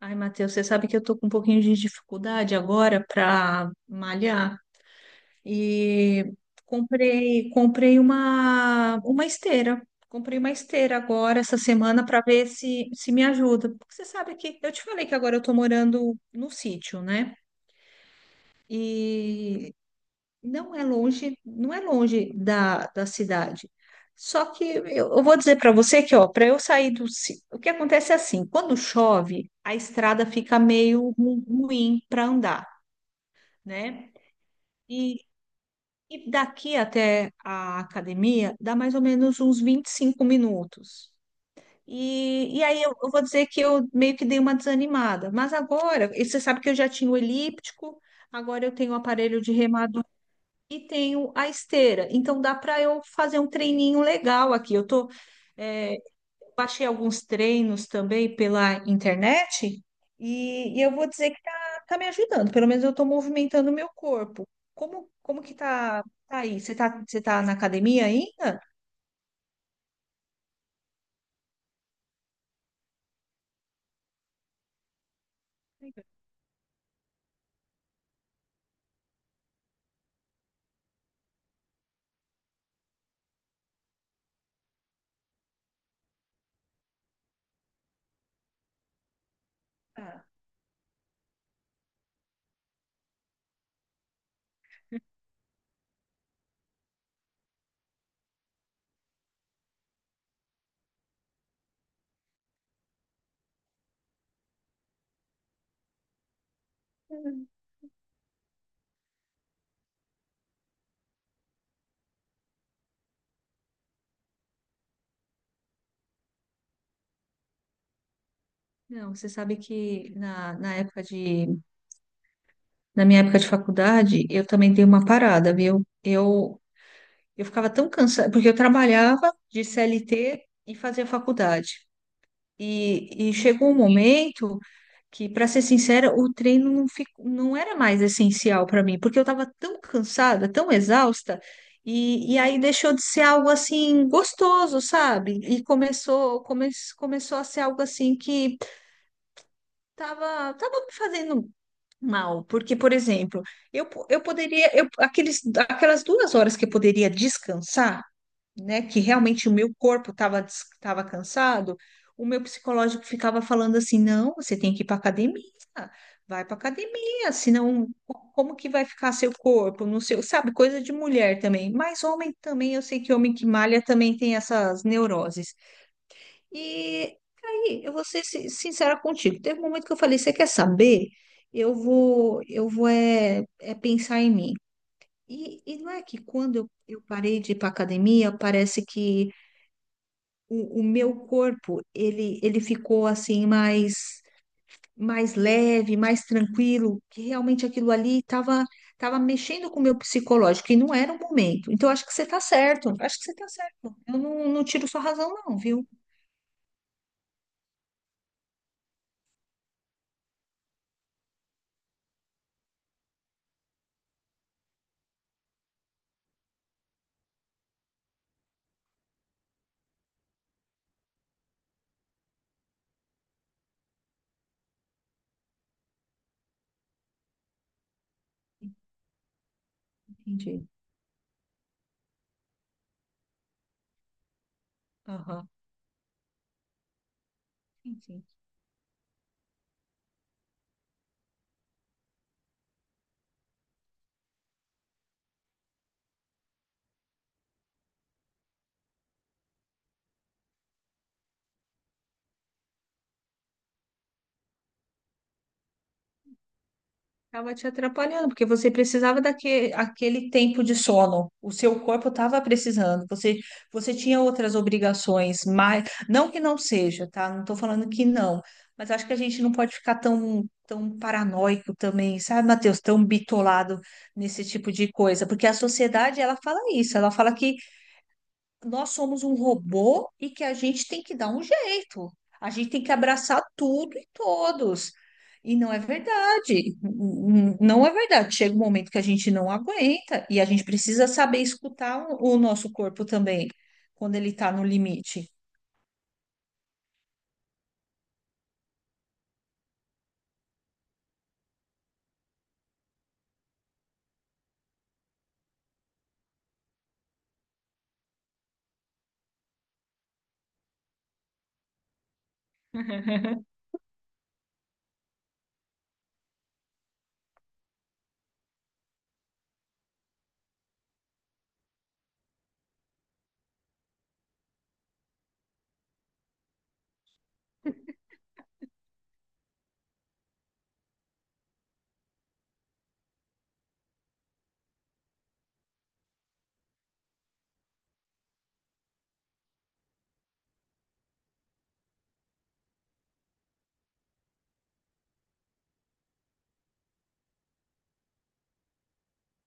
Ai, Matheus, você sabe que eu tô com um pouquinho de dificuldade agora para malhar e comprei uma esteira. Comprei uma esteira agora essa semana para ver se me ajuda. Porque você sabe que eu te falei que agora eu tô morando no sítio, né? E não é longe, não é longe da cidade. Só que eu vou dizer para você que, ó, para eu sair do. Ci- O que acontece é assim, quando chove, a estrada fica meio ruim para andar, né? E, e daqui até a academia dá mais ou menos uns 25 minutos. E aí eu vou dizer que eu meio que dei uma desanimada. Mas agora, e você sabe que eu já tinha o elíptico, agora eu tenho o aparelho de e tenho a esteira. Então dá para eu fazer um treininho legal aqui. Eu tô, é, baixei alguns treinos também pela internet e eu vou dizer que tá me ajudando. Pelo menos eu estou movimentando o meu corpo. Como que tá aí? Você tá na academia ainda? Tá. Não, você sabe que na minha época de faculdade, eu também dei uma parada, viu? Eu ficava tão cansada, porque eu trabalhava de CLT e fazia faculdade. E chegou um momento que, para ser sincera, o treino não era mais essencial para mim, porque eu estava tão cansada, tão exausta, e aí deixou de ser algo assim gostoso, sabe? E começou a ser algo assim que tava me fazendo mal, porque, por exemplo, eu, po- eu poderia, eu, aqueles, aquelas 2 horas que eu poderia descansar, né, que realmente o meu corpo estava cansado, o meu psicológico ficava falando assim: não, você tem que ir para academia, vai para academia, como que vai ficar seu corpo, não sei, sabe, coisa de mulher também. Mas homem também, eu sei que homem que malha também tem essas neuroses. E aí, eu vou ser sincera contigo, teve um momento que eu falei: você quer saber? Eu vou pensar em mim. E não é que quando eu parei de ir para academia, parece que o meu corpo, ele ficou assim mais mais leve, mais tranquilo, que realmente aquilo ali estava tava mexendo com o meu psicológico e não era o momento. Então, acho que você está certo, acho que você está certo. Eu não, não tiro sua razão, não, viu? Entendi. Aham, entendi. Estava te atrapalhando, porque você precisava daquele aquele tempo de sono. O seu corpo estava precisando. Você, você tinha outras obrigações, mas não que não seja, tá? Não estou falando que não, mas acho que a gente não pode ficar tão paranoico também, sabe, Matheus? Tão bitolado nesse tipo de coisa, porque a sociedade ela fala isso, ela fala que nós somos um robô e que a gente tem que dar um jeito. A gente tem que abraçar tudo e todos. E não é verdade. Não é verdade. Chega um momento que a gente não aguenta e a gente precisa saber escutar o nosso corpo também, quando ele está no limite.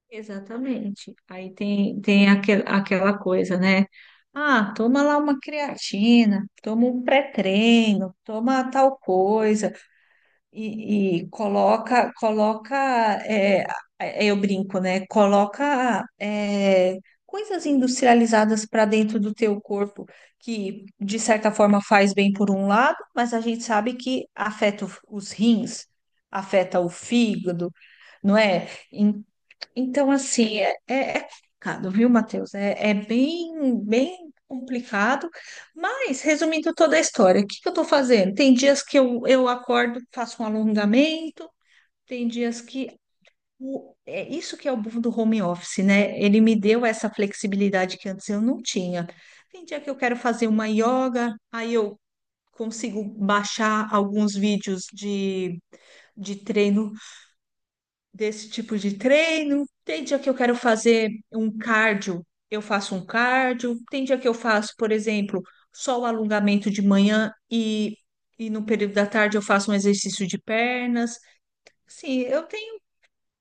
Exatamente. Aí tem aquela coisa, né? Ah, toma lá uma creatina, toma um pré-treino, toma tal coisa. E coloca, coloca, é, é, é, eu brinco, né? Coloca, é, coisas industrializadas para dentro do teu corpo que, de certa forma, faz bem por um lado, mas a gente sabe que afeta os rins, afeta o fígado, não é? Então, assim, é complicado, viu, Matheus? É, é bem, bem complicado. Mas, resumindo toda a história, o que que eu estou fazendo? Tem dias que eu acordo, faço um alongamento, tem dias que. É isso que é o bom do home office, né? Ele me deu essa flexibilidade que antes eu não tinha. Tem dia que eu quero fazer uma yoga, aí eu consigo baixar alguns vídeos de treino desse tipo de treino. Tem dia que eu quero fazer um cardio, eu faço um cardio. Tem dia que eu faço, por exemplo, só o alongamento de manhã e no período da tarde eu faço um exercício de pernas. Sim, eu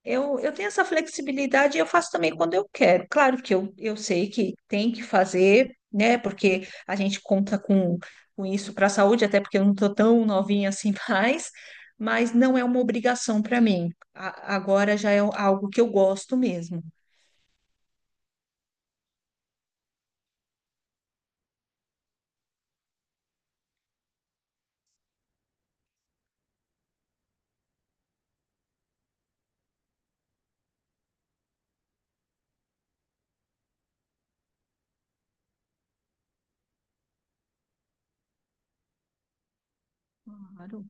eu, eu tenho essa flexibilidade e eu faço também quando eu quero. Claro que eu sei que tem que fazer, né? Porque a gente conta com isso para a saúde, até porque eu não estou tão novinha assim mais, mas não é uma obrigação para mim. Agora já é algo que eu gosto mesmo. Claro,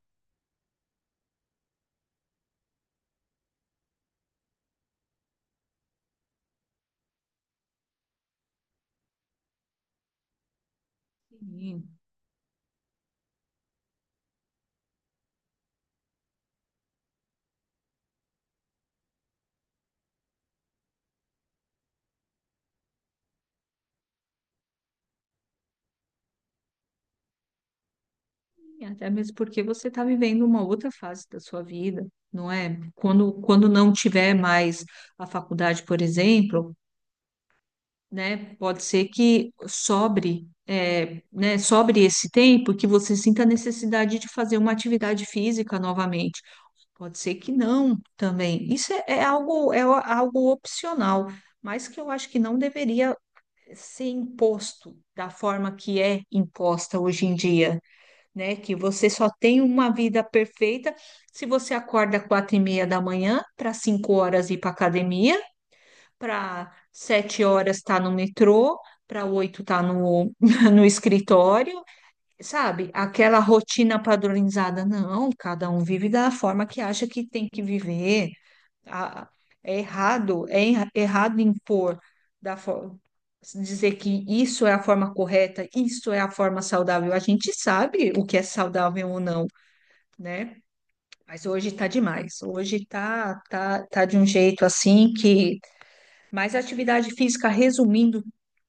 sim. E até mesmo porque você está vivendo uma outra fase da sua vida, não é? Quando não tiver mais a faculdade, por exemplo, né? Pode ser que sobre, é, né, sobre esse tempo que você sinta a necessidade de fazer uma atividade física novamente. Pode ser que não também. Isso é algo opcional, mas que eu acho que não deveria ser imposto da forma que é imposta hoje em dia, né? Que você só tem uma vida perfeita se você acorda às 4:30 da manhã para 5 horas ir para academia, para 7 horas tá no metrô, para oito tá no, no escritório, sabe? Aquela rotina padronizada, não, cada um vive da forma que acha que tem que viver. A- errado impor da forma. Dizer que isso é a forma correta, isso é a forma saudável. A gente sabe o que é saudável ou não, né? Mas hoje tá demais. Hoje tá de um jeito assim que mas a atividade física, resumindo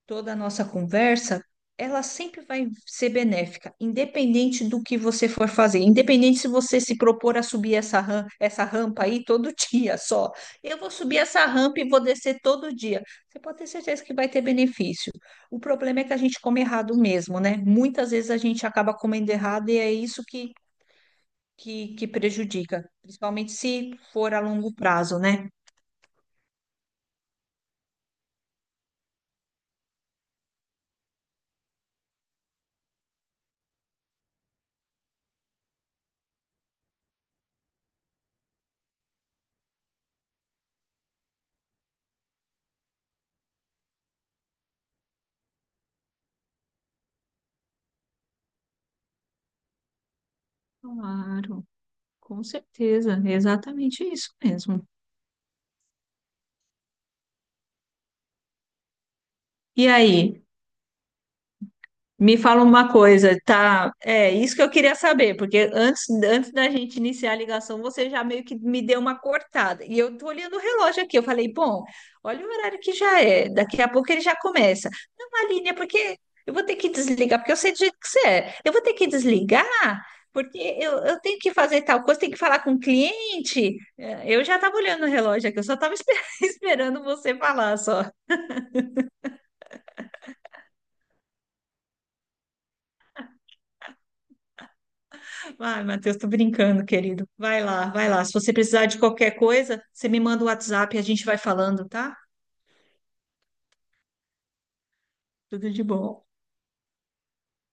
toda a nossa conversa, ela sempre vai ser benéfica, independente do que você for fazer, independente se você se propor a subir essa rampa aí todo dia só. Eu vou subir essa rampa e vou descer todo dia. Você pode ter certeza que vai ter benefício. O problema é que a gente come errado mesmo, né? Muitas vezes a gente acaba comendo errado e é isso que prejudica, principalmente se for a longo prazo, né? Claro. Com certeza, é exatamente isso mesmo. E aí, me fala uma coisa, tá? É isso que eu queria saber, porque antes, antes da gente iniciar a ligação, você já meio que me deu uma cortada. E eu tô olhando o relógio aqui, eu falei, bom, olha o horário que já é, daqui a pouco ele já começa. Não, Aline, é porque eu vou ter que desligar, porque eu sei do jeito que você é. Eu vou ter que desligar, porque eu tenho que fazer tal coisa, tenho que falar com o cliente. É, eu já estava olhando o relógio aqui, eu só estava esperando você falar só. Vai, Matheus, tô brincando, querido. Vai lá, vai lá. Se você precisar de qualquer coisa, você me manda o WhatsApp e a gente vai falando, tá? Tudo de bom.